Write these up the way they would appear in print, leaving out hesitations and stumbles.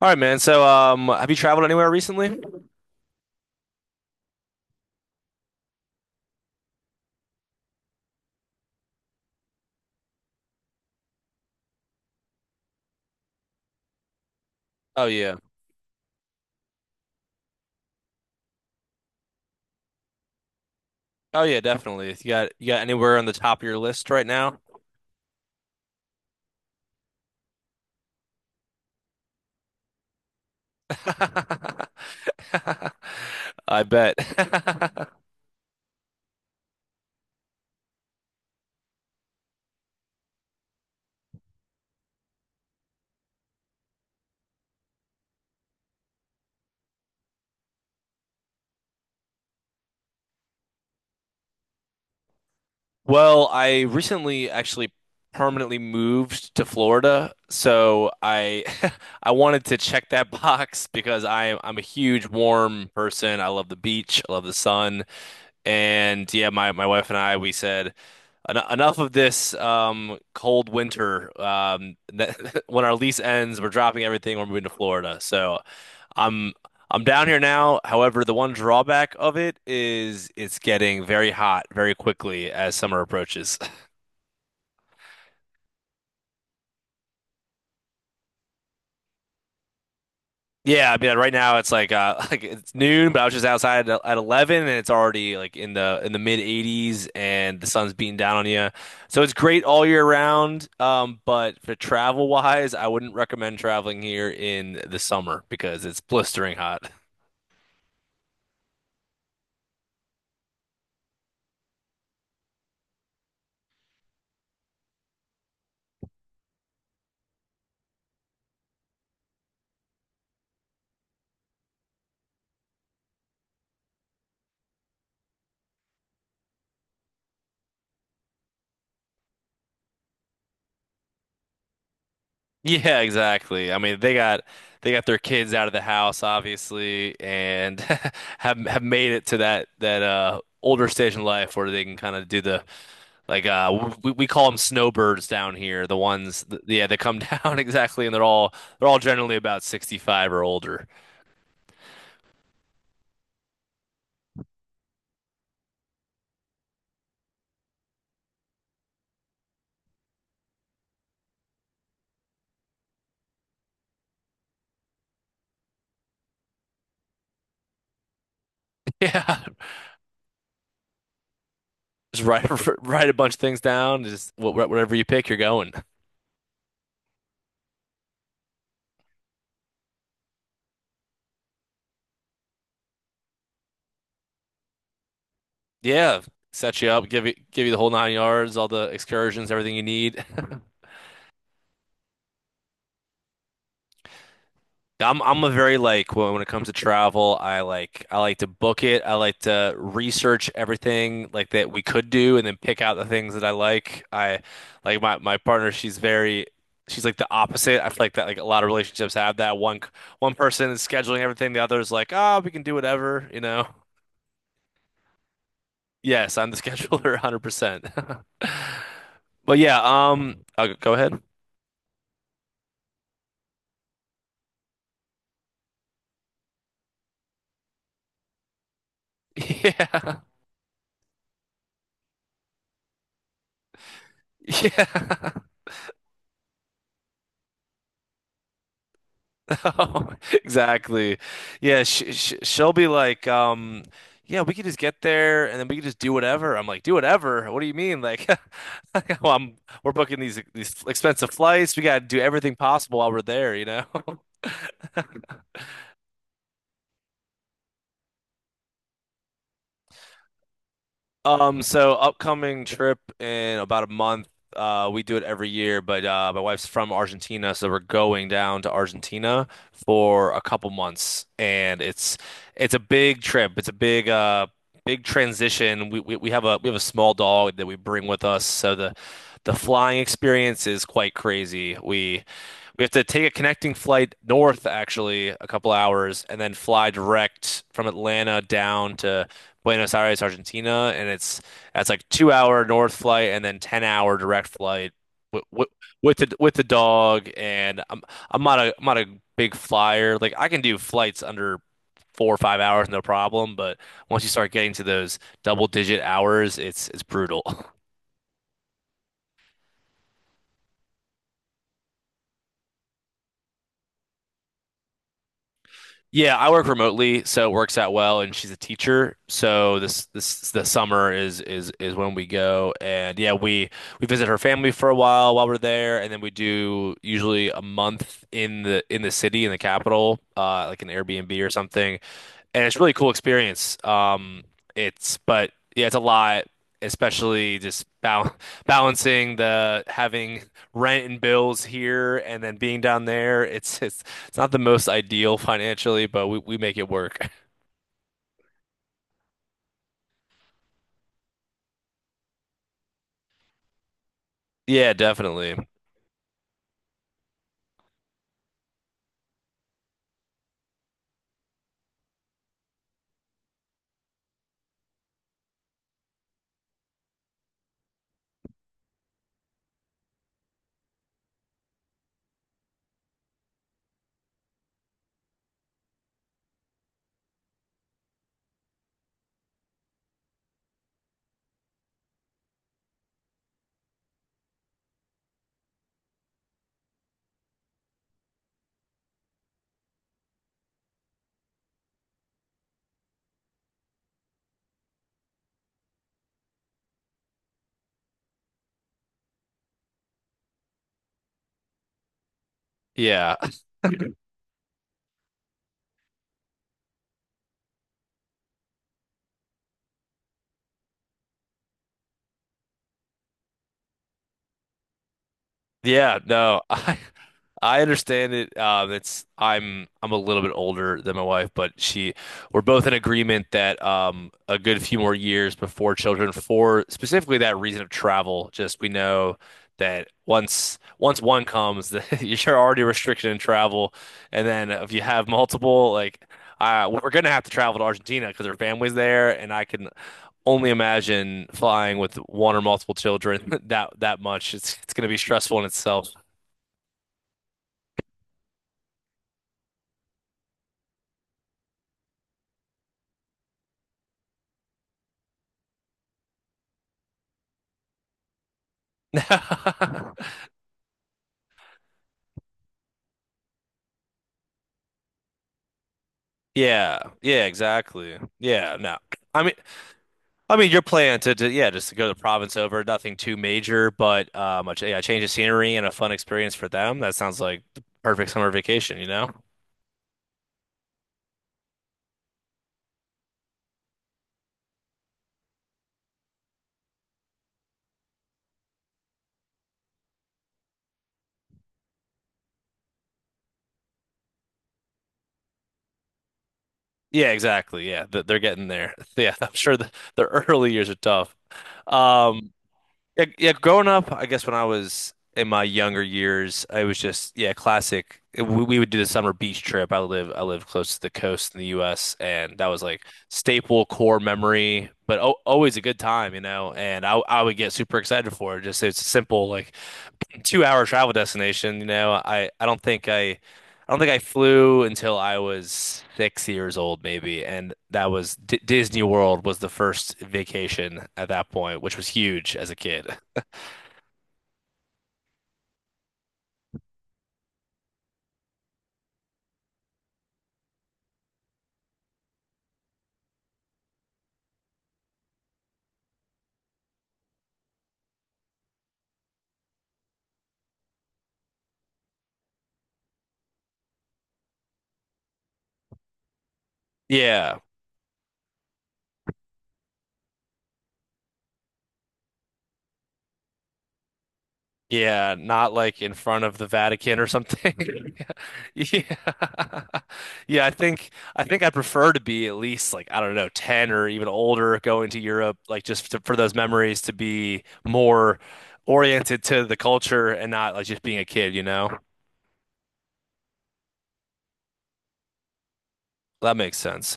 All right, man. So, have you traveled anywhere recently? Oh yeah. Oh yeah, definitely. You got anywhere on the top of your list right now? I bet. Well, I recently actually permanently moved to Florida, so I I wanted to check that box because I'm a huge warm person. I love the beach, I love the sun. And yeah, my wife and I, we said, "Enough of this cold winter. When our lease ends, we're dropping everything. We're moving to Florida. So I'm I'm down here now. However, the one drawback of it is it's getting very hot very quickly as summer approaches. Yeah, I mean, right now it's like like it's noon, but I was just outside at 11 and it's already like in the mid 80s and the sun's beating down on you. So it's great all year round, but for travel wise, I wouldn't recommend traveling here in the summer because it's blistering hot. Yeah, exactly. I mean, they got their kids out of the house obviously and have made it to that older stage in life where they can kind of do the Like we call them snowbirds down here. The ones, th yeah, they come down exactly, and they're all generally about 65 or older. Yeah, just write write a bunch of things down. Just whatever you pick, you're going. Yeah, set you up, give you the whole nine yards, all the excursions, everything you need. I'm a very like when it comes to travel, I like to book it. I like to research everything like that we could do and then pick out the things that I like. I like my partner, she's like the opposite. I feel like that like a lot of relationships have that one person is scheduling everything, the other is like, "Ah, we can do whatever." Yes, I'm the scheduler 100%. But yeah, I'll go ahead. Yeah. Yeah. Exactly. Yeah, she sh she'll be like, yeah, we could just get there and then we could just do whatever. I'm like, do whatever? What do you mean? Like, like, well, I'm we're booking these expensive flights. We got to do everything possible while we're there, you know? So upcoming trip in about a month. We do it every year, but my wife's from Argentina, so we're going down to Argentina for a couple months, and it's a big trip. It's a big transition. We have a small dog that we bring with us, so the flying experience is quite crazy. We have to take a connecting flight north, actually, a couple hours, and then fly direct from Atlanta down to Buenos Aires, Argentina. And it's that's like 2 hour north flight and then 10-hour direct flight with, with with the dog. And I'm not a big flyer. Like I can do flights under 4 or 5 hours, no problem. But once you start getting to those double digit hours, it's brutal. Yeah, I work remotely, so it works out well. And she's a teacher, so this the summer is when we go. And yeah, we visit her family for a while we're there, and then we do usually a month in the city in the capital, like an Airbnb or something, and it's a really cool experience. It's But yeah, it's a lot, especially just bal balancing the having rent and bills here and then being down there. It's not the most ideal financially, but we make it work. Yeah, definitely. Yeah. Yeah, no. I understand it. It's I'm a little bit older than my wife, but she we're both in agreement that a good few more years before children for specifically that reason of travel. Just we know that once one comes, that you're already restricted in travel, and then if you have multiple, like we're gonna have to travel to Argentina because her family's there, and I can only imagine flying with one or multiple children that much. It's going to be stressful in itself. Yeah, yeah, exactly. Yeah, no. I mean, your plan to just to go to the province over, nothing too major, but a change of scenery and a fun experience for them. That sounds like the perfect summer vacation, you know? Yeah, exactly. Yeah, they're getting there. Yeah, I'm sure the early years are tough. Um, yeah, yeah, growing up, I guess when I was in my younger years, I was just yeah, classic. We would do the summer beach trip. I live close to the coast in the U.S. and that was like staple core memory, but o always a good time. And I would get super excited for it. Just it's simple, like 2 hour travel destination. You know, I don't think I flew until I was 6 years old, maybe, and that was D Disney World was the first vacation at that point, which was huge as a kid. Yeah. Yeah, not like in front of the Vatican or something. Yeah. Yeah, I think I prefer to be at least like I don't know, 10 or even older going to Europe like just for those memories to be more oriented to the culture and not like just being a kid, you know? That makes sense.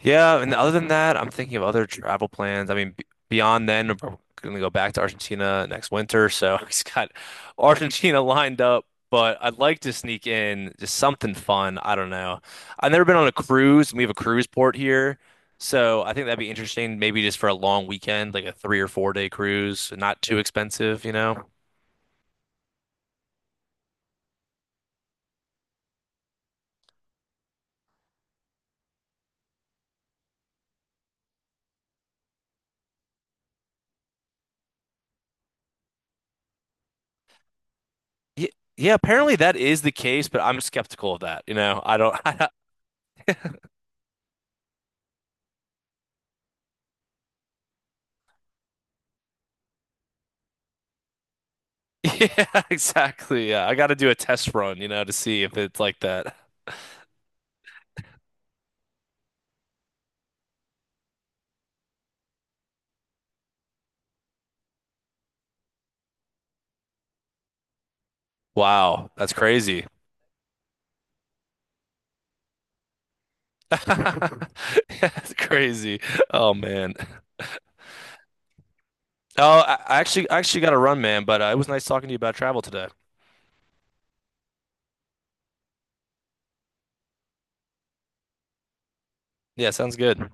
Yeah, and other than that, I'm thinking of other travel plans. I mean, b beyond then, we're gonna go back to Argentina next winter, so he's got Argentina lined up. But I'd like to sneak in just something fun. I don't know. I've never been on a cruise, and we have a cruise port here, so I think that'd be interesting. Maybe just for a long weekend, like a 3 or 4 day cruise, not too expensive, you know. Ye- Yeah, apparently that is the case, but I'm skeptical of that. You know, I don't. Yeah, exactly. Yeah, I got to do a test run, you know, to see if it's like that. Wow, that's crazy. That's crazy. Oh man. Oh, I actually got to run, man, but it was nice talking to you about travel today. Yeah, sounds good.